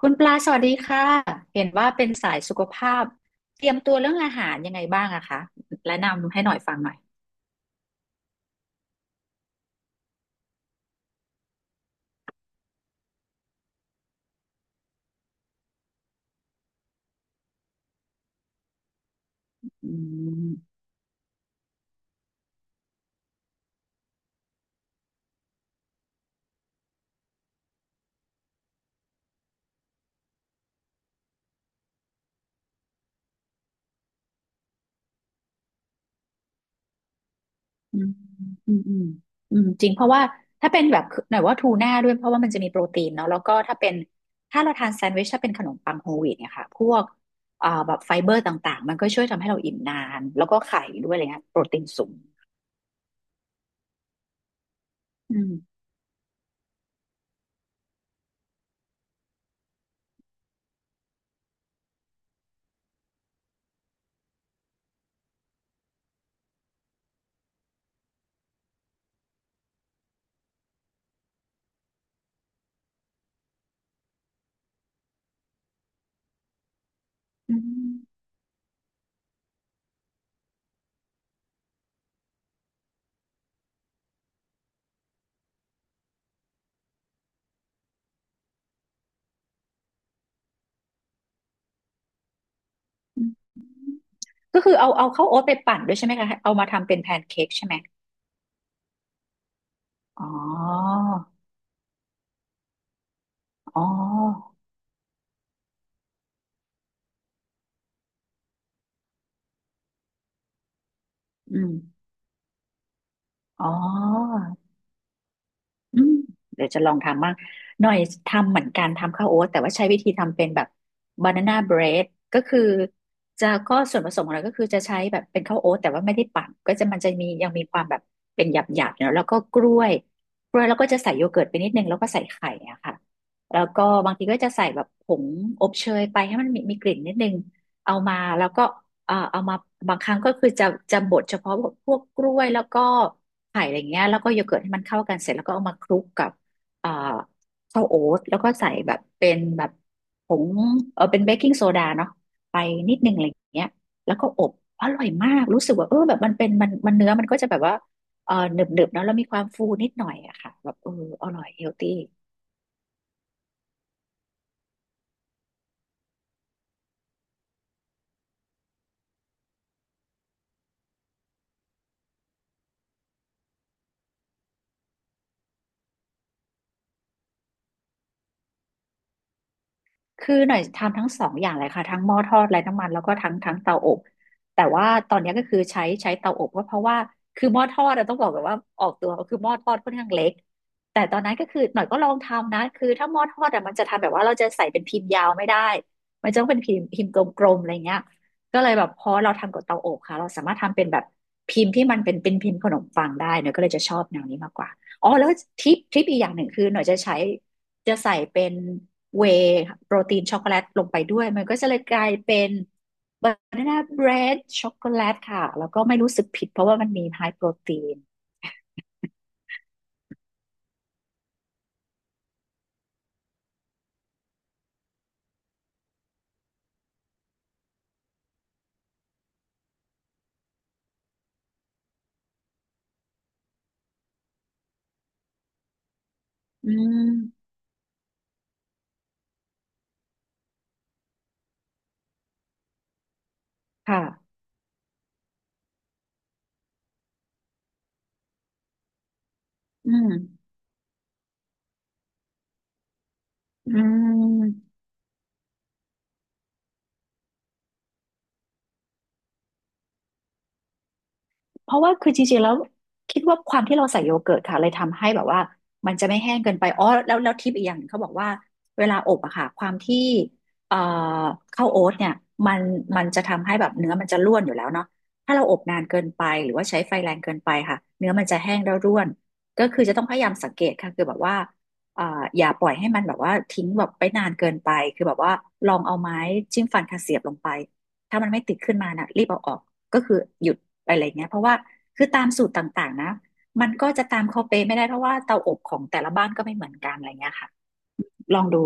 คุณปลาสวัสดีค่ะ เห็นว่าเป็นสายสุขภาพ เตรียมตัวเรื่องอาหารยังไงบ้างอะคะแนะนำให้หน่อยฟังหน่อยอืมอืมอืมอืมอืมจริงเพราะว่าถ้าเป็นแบบหน่อยว่าทูน่าด้วยเพราะว่ามันจะมีโปรตีนเนาะแล้วก็ถ้าเราทานแซนด์วิชถ้าเป็นขนมปังโฮลวีตเนี่ยค่ะพวกแบบไฟเบอร์ต่างๆมันก็ช่วยทำให้เราอิ่มนานแล้วก็ไข่ด้วยอะไรเงี้ยโปรตีนสูงอืมอืมก็คือเอาข้าวโอ๊ตไปปั่นด้วยใช่ไหมคะเอามาทำเป็นแพนเค้กใช่ไหมอ๋อ อ๋ออืมอ๋ออืมเดี๋ยวจะลองทำบ้างหน่อยทำเหมือนกันทำข้าวโอ๊ตแต่ว่าใช้วิธีทำเป็นแบบบานาน่าเบรดก็คือก็ส่วนผสมของเราก็คือจะใช้แบบเป็นข้าวโอ๊ตแต่ว่าไม่ได้ปั่นก็จะมันจะมียังมีความแบบเป็นหยาบหยาบอยู่แล้วแล้วก็กล้วยแล้วก็จะใส่โยเกิร์ตไปนิดนึงแล้วก็ใส่ไข่อะค่ะแล้วก็บางทีก็จะใส่แบบผงอบเชยไปให้มันมีกลิ่นนิดนึงเอามาแล้วก็ เอ่อเอามาบางครั้งก็คือจะบดเฉพาะพวกกล้วยแล้วก็ไข่อะไรเงี้ยแล้วก็โยเกิร์ตให้มันเข้ากันเสร็จแล้วก็เอามาคลุกกับเอ่อข้าวโอ๊ตแล้วก็ใส่แบบเป็นแบบผงเป็นเบกกิ้งโซดาเนาะไปนิดนึงอะไรเงี้ยแล้วก็อบอร่อยมากรู้สึกว่าแบบมันเป็นมันเนื้อมันก็จะแบบว่าหนึบๆเนอะแล้วมีความฟูนิดหน่อยอะค่ะแบบอร่อยเฮลตี้ คือหน่อยทำทั้งสองอย่างเลยค่ะทั้งหม้อทอดไร้น้ำมันแล้วก็ทั้งเตาอบแต่ว่าตอนนี้ก็คือใช้เตาอบก็เพราะว่าคือหม้อทอดอะต้องบอกแบบว่าออกตัวคือหม้อทอดค่อนข้างเล็กแต่ตอนนั้นก็คือหน่อยก็ลองทำนะคือถ้าหม้อทอดอะมันจะทำแบบว่าเราจะใส่เป็นพิมพ์ยาวไม่ได้มันจะต้องเป็นพิมพ์กลมๆอะไรเงี้ยก็เลยแบบพอเราทำกับเตาอบค่ะเราสามารถทำเป็นแบบพิมพ์ที่มันเป็นพิมพ์ขนมปังได้หน่อยก็เลยจะชอบแนวนี้มากกว่าอ๋อแล้วทริปอีกอย่างหนึ่งคือหน่อยจะใส่เป็น เวย์โปรตีนช็อกโกแลตลงไปด้วย มันก็จะเลยกลายเป็นบานาน่าเบรดช็อกโกแลตค่ะ แล้วก็ไม่รู้สึกผิดเพราะว่ามันมีไฮโปรตีนอืมค่ะอืมอืม เพราะว่าคือจริงๆแล้วคิดว่าความที่เราใส่โยเกิร์ตค่ะเลยทำให้แบบว่ามันจะไม่แห้งเกินไปอ๋อแล้วทิปอีกอย่างหนึ่งเขาบอกว่าเวลาอบอะค่ะความที่เอ่อข้าวโอ๊ตเนี่ยมันมันจะทำให้แบบเนื้อมันจะร่วนอยู่แล้วเนาะถ้าเราอบนานเกินไปหรือว่าใช้ไฟแรงเกินไปค่ะเนื้อมันจะแห้งแล้วร่วนก็คือจะต้องพยายามสังเกตค่ะคือแบบว่าอย่าปล่อยให้มันแบบว่าทิ้งแบบไปนานเกินไปคือแบบว่าลองเอาไม้จิ้มฟันค่ะเสียบลงไปถ้ามันไม่ติดขึ้นมาน่ะรีบเอาออก ก็คือหยุดไปอะไรเงี้ยเพราะว่าคือตามสูตรต่างๆนะมันก็จะตามเขาเป๊ะไม่ได้เพราะว่าเตาอบของแต่ละบ้านก็ไม่เหมือนกันอะไรเงี้ยค่ะลองดู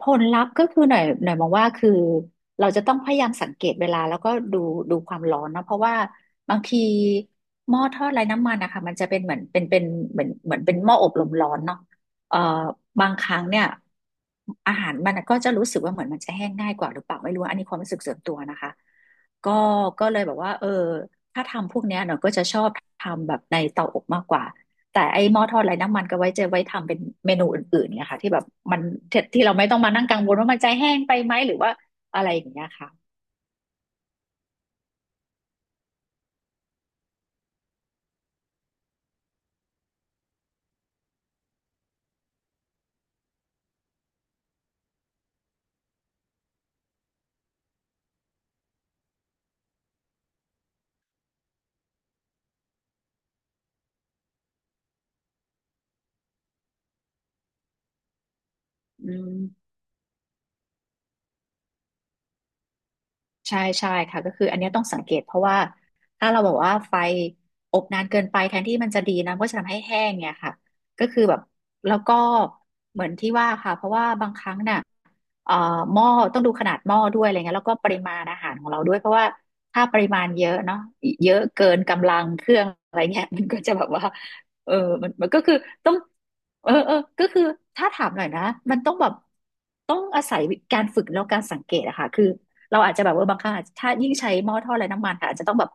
ผลลัพธ์ก็คือหน่อยมองว่าคือเราจะต้องพยายามสังเกตเวลาแล้วก็ดูความร้อนนะเพราะว่าบางทีหม้อทอดไร้น้ำมันนะคะมันจะเป็นเหมือนเป็นเหมือนเป็นหม้ออบลมร้อนเนาะเอ่อบางครั้งเนี่ยอาหารมันก็จะรู้สึกว่าเหมือนมันจะแห้งง่ายกว่าหรือเปล่าไม่รู้อันนี้ความรู้สึกส่วนตัวนะคะก็ก็เลยแบบว่าถ้าทำพวกเนี้ยหน่อยก็จะชอบทำแบบในเตาอบมากกว่า แต่ไอ้หม้อทอดไร้น้ำมันก็ไว้ทำเป็นเมนูอื่นๆนะคะที่แบบมันที่เราไม่ต้องมานั่งกังวลว่ามันจะแห้งไปไหมหรือว่าอะไรอย่างเงี้ยค่ะอืม ใช่ใช่ค่ะก็คืออันเนี้ยต้องสังเกตเพราะว่าถ้าเราบอกว่าไฟอบนานเกินไปแทนที่มันจะดีนะมันก็จะทำให้แห้งเนี่ยค่ะก็คือแบบแล้วก็เหมือนที่ว่าค่ะเพราะว่าบางครั้งน่ะเอ่อหม้อต้องดูขนาดหม้อด้วยอะไรเงี้ยแล้วก็ปริมาณอาหารของเราด้วยเพราะว่าถ้าปริมาณเยอะเนาะเยอะเกินกำลังเครื่องอะไรเงี้ยมันก็จะแบบว่าเออมันก็คือต้องเออก็คือถ้าถามหน่อยนะมันต้องแบบต้องอาศัยการฝึกแล้วการสังเกตอะค่ะคือ เราอาจจะแบบเออบางครั้งะถ้ายิ่งใช้หม้อทอดไร้น้ำมันค่ะอาจจะต้องแบบ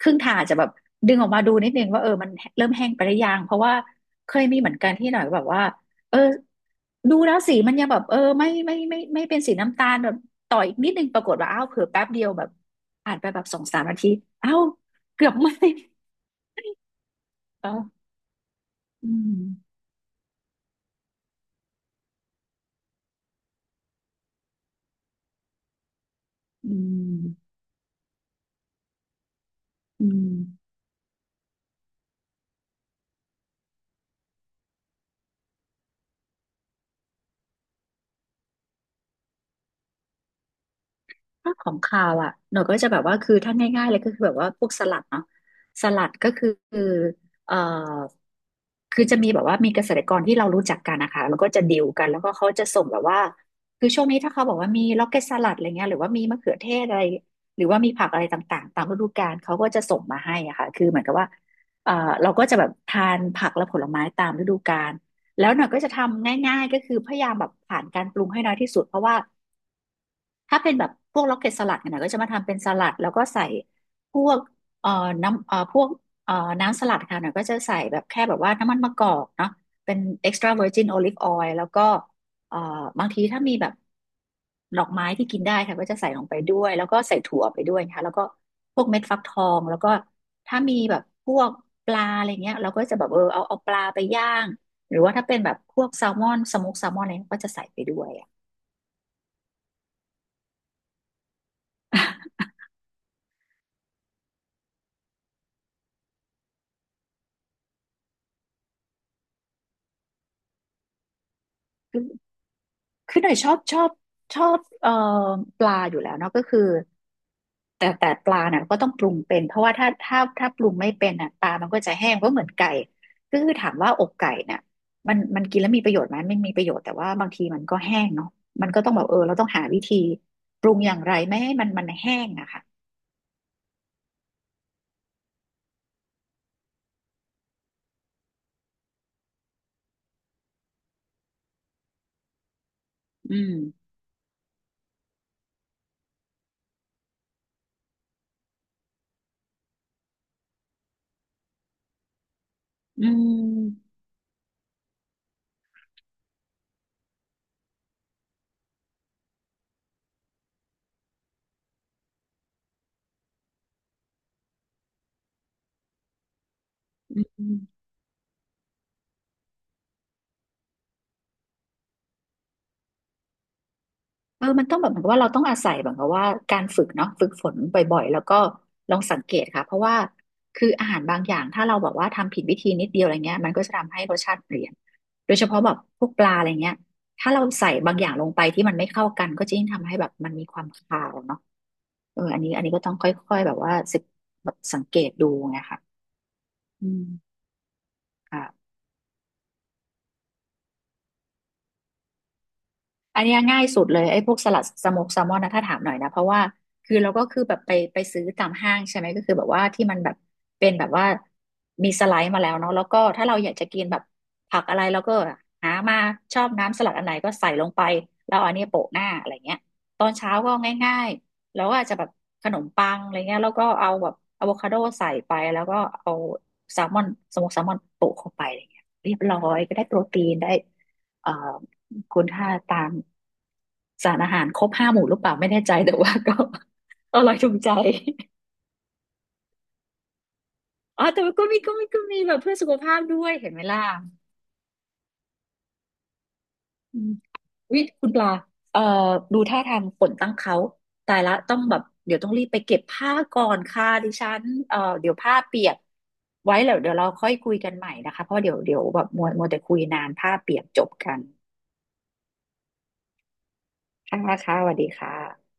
ครึ่งทางอาจจะแบบดึงออกมาดูนิดนึงว่าเออมันเริ่มแห้งไปหรือยังเพราะว่าเคยมีเหมือนกันที่หน่อยแบบว่าเออดูแล้วสีมันยังแบบเออไม่เป็นสีน้ำตาลแบบต่ออีกนิดนึงปรากฏว่าอ้าวเผลอแป๊บเดียวแบบผ่านไปแบบสองสามนาทีอ้าวเกือบไหมเอออืมอืมอืมถ้าของคาวอ่ะหนูก็จะแบบว่าคือถ้าง่ายๆเลยก็คือแบบว่าพวกสลัดเนาะสลัดก็คือเอ่อ คือจะมีแบบว่ามีเกษตรกรที่เรารู้จักกันนะคะแล้วก็จะดีลกันแล้วก็เขาจะส่งแบบว่าคือช่วงนี้ถ้าเขาบอกว่ามีล็อกเก็ตสลัดอะไรเงี้ยหรือว่ามีมะเขือเทศอะไรหรือว่ามีผักอะไรต่างๆตามฤดูกาลเขาก็จะส่งมาให้อะค่ะคือเหมือนกับว่าเอ่อเราก็จะแบบทานผักและผลไม้ตามฤดูกาลแล้วหน่อยก็จะทำง่ายๆก็คือพยายามแบบผ่านการปรุงให้น้อยที่สุดเพราะว่า ถ้าเป็นแบบพวกล็อกเก็ตสลัดเนี่ยนะก็จะมาทำเป็นสลัดแล้วก็ใส่พวกเอ่อน้ำพวกเอ่อน้ำสลัดค่ะเน่ยก็จะใส่แบบแค่แบบว่าน้ำมันมะกอกเนาะเป็น extra virgin olive oil แล้วก็เอ่อบางทีถ้ามีแบบดอกไม้ที่กินได้ค่ะก็จะใส่ลงไปด้วยแล้วก็ใส่ถั่วไปด้วยนะคะแล้วก็พวกเม็ดฟักทองแล้วก็ถ้ามีแบบพวกปลาอะไรเงี้ยเราก็จะแบบเออเอาปลาไปย่างหรือว่าถ้าเป็นแบบพวกแซลมอนสโมกแซลมอนอะไรก็จะใส่ไปด้วยอะ คือหน่อยชอบปลาอยู่แล้วเนาะก็คือแต่ปลาน่ะก็ต้องปรุงเป็นเพราะว่าถ้าปรุงไม่เป็นน่ะปลามันก็จะแห้งก็เหมือนไก่ก็คือถามว่าอกไก่น่ะมันกินแล้วมีประโยชน์ไหมไม่มีประโยชน์แต่ว่าบางทีมันก็แห้งเนาะมันก็ต้องแบบเออเราต้องหาวิธีปรุงอย่างไรไม่ให้มันแห้งอะค่ะอืมอืม เออมันต้องแบบเหมือนกับว่าเราต้องอาศัยแบบกับว่าการฝึกเนาะฝึกฝนบ่อยๆแล้วก็ลองสังเกตค่ะเพราะว่าคืออาหารบางอย่างถ้าเราแบบว่าทำผิดวิธีนิดเดียวอะไรเงี้ยมันก็จะทำให้รสชาติเปลี่ยนโดยเฉพาะแบบพวกปลาอะไรเงี้ยถ้าเราใส่บางอย่างลงไปที่มันไม่เข้ากันก็จะยิ่งทำให้แบบมันมีความคาวเนาะเอออันนี้ก็ต้องค่อยๆแบบว่าสึกแบบสังเกตดูไงค่ะอืมค่ะ อันเนี้ยง่ายสุดเลยไอ้พวกสลัดสโมกแซลมอนนะถ้าถามหน่อยนะเพราะว่าคือเราก็คือแบบไปซื้อตามห้างใช่ไหมก็คือแบบว่าที่มันแบบเป็นแบบว่ามีสไลด์มาแล้วเนาะแล้วก็ถ้าเราอยากจะกินแบบผักอะไรเราก็หามาชอบน้ำสลัดอันไหนก็ใส่ลงไปแล้วเอาอันเนี้ยโปะหน้าอะไรเงี้ยตอนเช้าก็ง่ายๆแล้วก็อาจจะแบบขนมปังอะไรเงี้ยแล้วก็เอาแบบอะโวคาโดใส่ไปแล้วก็เอาแซลมอนสโมกแซลมอนโปะเข้าไปอะไรเงี้ยเรียบร้อยก็ได้โปรตีนได้เอ่อ คุณค่าตามสารอาหารครบห้าหมู่หรือเปล่าไม่แน่ใจแต่ว่าก็ อร่อยถูกใจ อ๋อแต่ว่าก็มีแบบเพื่อสุขภาพด้วยเห็นไหมล่ะอืมวิคุณปลาเอ่อดูท่าทางฝนตั้งเขาตายละต้องแบบเดี๋ยวต้องรีบไปเก็บผ้าก่อนค่ะดิฉันเดี๋ยวผ้าเปียกไว้แล้วเดี๋ยวเราค่อยคุยกันใหม่นะคะเพราะเดี๋ยวแบบมัวแต่คุยนานผ้าเปียกจบกันค่ะค่ะสวัสดีค่ะ